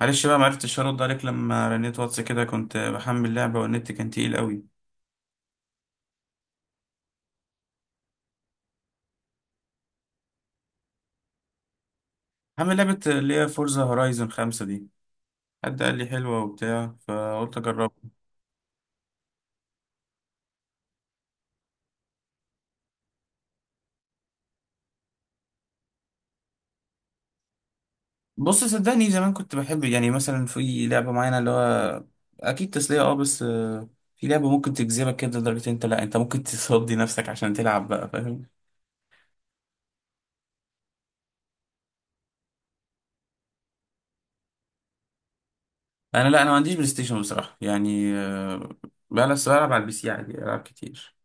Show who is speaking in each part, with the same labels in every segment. Speaker 1: معلش بقى معرفتش ارد عليك لما رنيت واتس كده، كنت بحمل لعبة والنت كان تقيل قوي. حمل لعبة اللي هي فورزا هورايزون 5 دي، حد قال لي حلوة وبتاع فقلت اجربها. بص صدقني، زمان كنت بحب يعني مثلا في لعبة معينة اللي هو اكيد تسلية. اه بس في لعبة ممكن تجذبك كده لدرجة انت لا انت ممكن تصدي نفسك عشان تلعب بقى فاهم. انا ما عنديش بلاي ستيشن بصراحة يعني. بلعب على البي سي عادي، العب كتير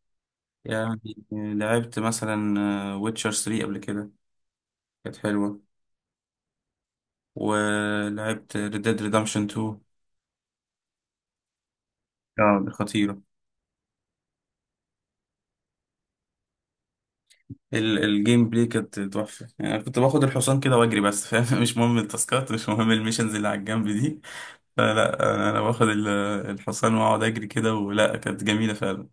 Speaker 1: يعني. لعبت مثلا ويتشر 3 قبل كده، كانت حلوة. ولعبت Red Dead Redemption 2، اه خطيرة. الجيم بلاي كانت تحفة يعني، أنا كنت باخد الحصان كده وأجري بس فاهم مش مهم التاسكات، مش مهم الميشنز اللي على الجنب دي. فلا أنا باخد الحصان وأقعد أجري كده ولا، كانت جميلة فعلا.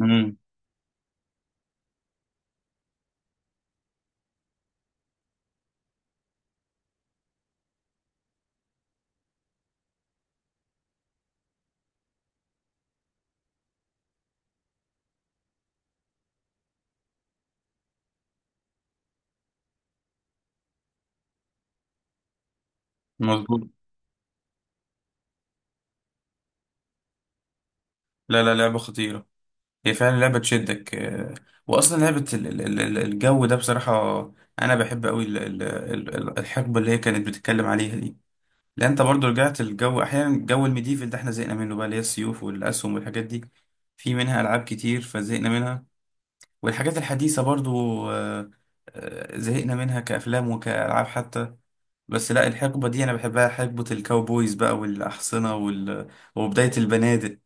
Speaker 1: امم مظبوط. لا لا لعبة خطيرة، هي فعلا لعبة تشدك. وأصلا لعبة الجو ده، بصراحة أنا بحب أوي الحقبة اللي هي كانت بتتكلم عليها دي. لان انت برضو رجعت الجو، احيانا جو الميديفل ده احنا زهقنا منه بقى، اللي هي السيوف والاسهم والحاجات دي، في منها العاب كتير فزهقنا منها. والحاجات الحديثه برضو آه، زهقنا منها كافلام وكالعاب حتى. بس لا، الحقبه دي انا بحبها، حقبه الكاوبويز بقى والاحصنه وبدايه البنادق.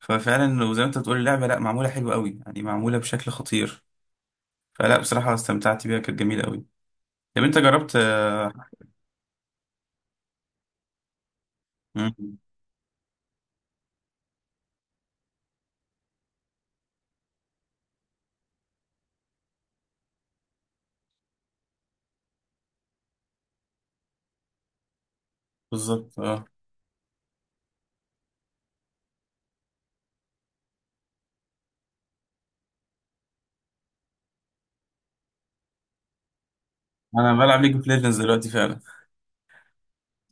Speaker 1: ففعلا وزي ما انت بتقول اللعبه لا معموله حلوه قوي يعني، معموله بشكل خطير. فلا بصراحه استمتعت بيها، كانت جميله قوي. طب انت جربت مم، بالظبط اه. انا بلعب ليج اوف ليجندز دلوقتي فعلا،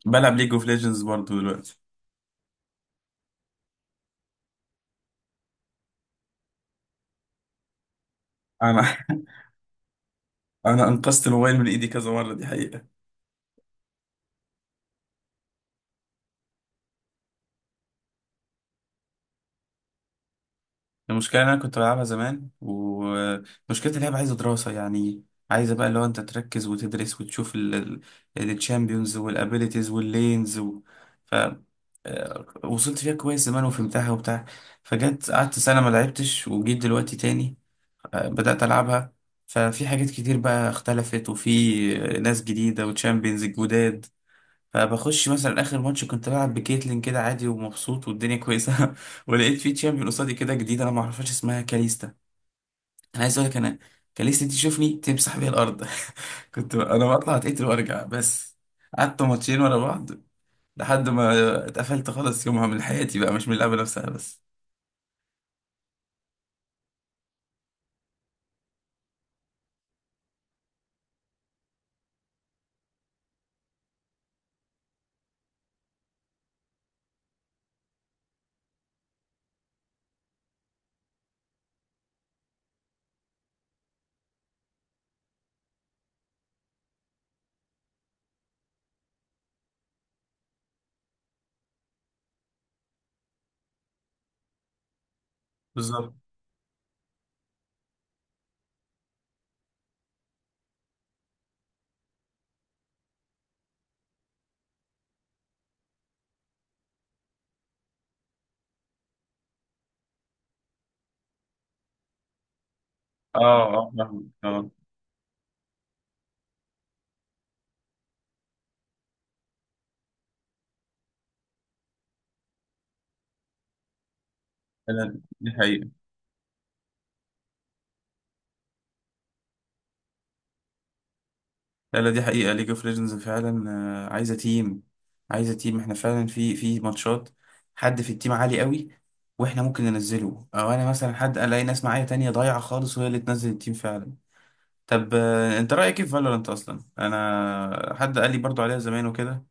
Speaker 1: بلعب ليج اوف ليجندز برضه دلوقتي. انا انا انقذت الموبايل من ايدي كذا مره، دي حقيقه. المشكله إن انا كنت بلعبها زمان، ومشكله اللعبه عايزه دراسه يعني، عايزه بقى اللي هو انت تركز وتدرس وتشوف الشامبيونز والابيليتيز واللينز و... ف آه، وصلت فيها كويس زمان وفهمتها وبتاع. فجت قعدت سنه ما لعبتش وجيت دلوقتي تاني. بدات العبها، ففي حاجات كتير بقى اختلفت، وفي ناس جديده وتشامبيونز جداد. فبخش مثلا اخر ماتش كنت بلعب بكيتلين كده عادي ومبسوط والدنيا كويسه ولقيت في تشامبيون قصادي كده جديده انا ما اعرفهاش، اسمها كاليستا. انا عايز اقول لك انا، كاليستا دي تشوفني تمسح بيها الارض. كنت انا بطلع اتقتل وارجع بس، قعدت ماتشين ورا بعض لحد ما اتقفلت خالص يومها من حياتي بقى، مش من اللعبه نفسها بس. بالظبط اه. اه فاهم اه. دي حقيقة. لا لا، دي حقيقة ليج اوف ليجندز فعلا. عايزة تيم، عايزة تيم، احنا فعلا في ماتشات حد في التيم عالي قوي واحنا ممكن ننزله، او انا مثلا حد الاقي ناس معايا تانية ضايعة خالص وهي اللي تنزل التيم فعلا. طب انت رأيك ايه في فالورانت؟ اصلا انا حد قال لي برضو عليها زمان وكده،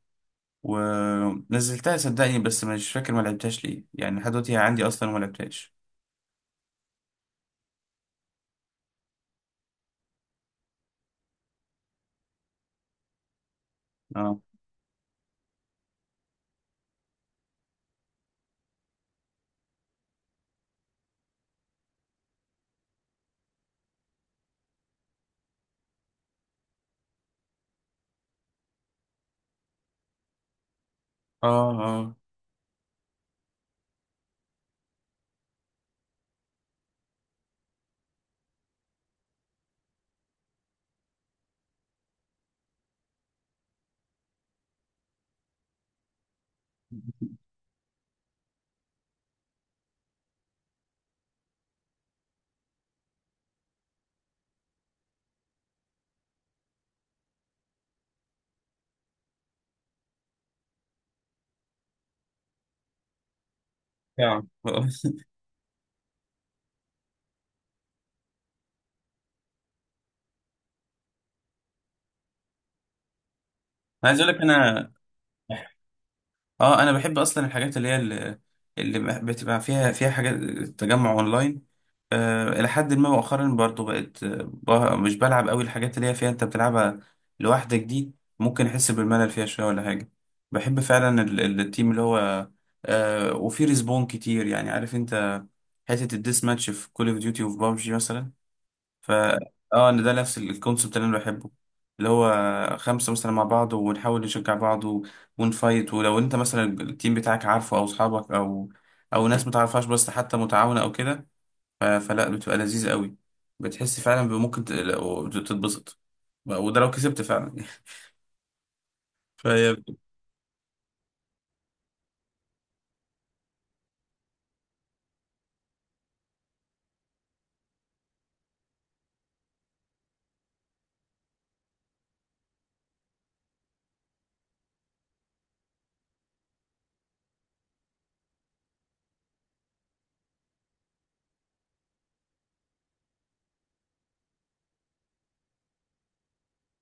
Speaker 1: ونزلتها صدقني بس مش فاكر ما لعبتهاش ليه يعني، لحد دلوقتي هي عندي اصلا وما لعبتهاش. اه. اه. اه يعني. عايز اقول لك انا اه، انا بحب اصلا الحاجات اللي هي اللي بتبقى فيها حاجات تجمع اونلاين. الى حد ما مؤخرا برضو بقت، مش بلعب قوي الحاجات اللي هي فيها انت بتلعبها لوحدك دي، ممكن احس بالملل فيها شويه ولا حاجه. بحب فعلا التيم اللي هو وفي ريسبون كتير يعني عارف انت حته الديس ماتش في كول اوف ديوتي وفي بابجي مثلا. ف اه ان ده نفس الكونسبت اللي انا بحبه، اللي هو خمسة مثلا مع بعض ونحاول نشجع بعض ونفايت. ولو انت مثلا التيم بتاعك عارفه او اصحابك، او ناس متعرفهاش بس حتى متعاونة او كده. فلا بتبقى لذيذة قوي، بتحس فعلا بممكن تتبسط، وده لو كسبت فعلا. فهي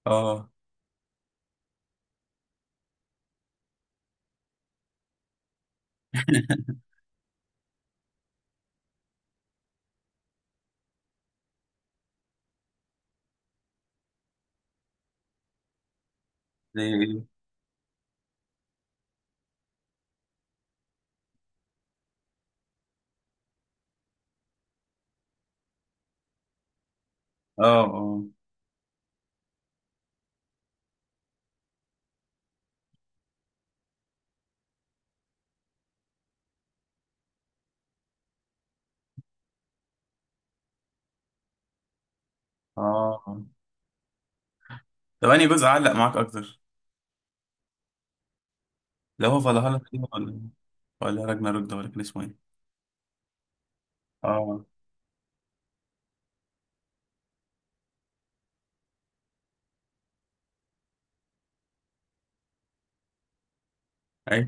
Speaker 1: اه. زي ايه؟ اه. اه. اه. طب انهي جزء علق معاك اكتر؟ اللي هو فالهالا، ولا ولا راجناروك ده، ولا كان اسمه ايه؟ اه ايوه.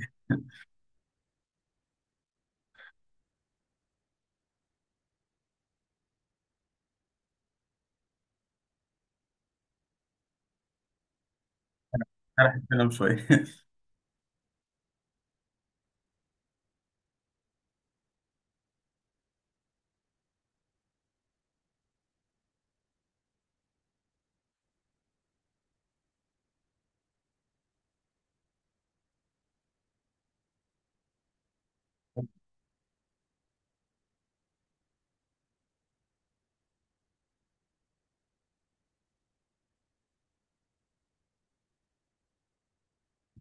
Speaker 1: شرح الكلام شوية.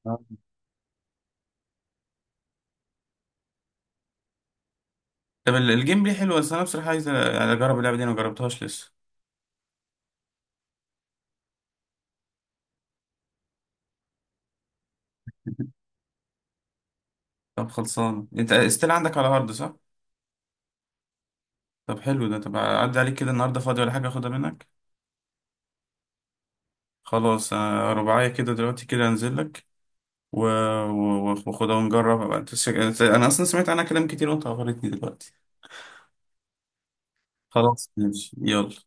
Speaker 1: طب الجيم ليه حلو، بس أنا بصراحة عايز يعني أجرب اللعبة دي أنا مجربتهاش لسه. طب خلصان أنت استيل عندك على هارد، صح؟ طب حلو ده. طب أعدي عليك كده النهاردة، فاضي ولا حاجة أخدها منك؟ خلاص، أنا رباعية كده دلوقتي، كده أنزل لك و- وأخدها ونجربها بقى. أنت أنا أصلا سمعت عنها كلام كتير، وأنت عبرتني دلوقتي. خلاص ماشي يلا.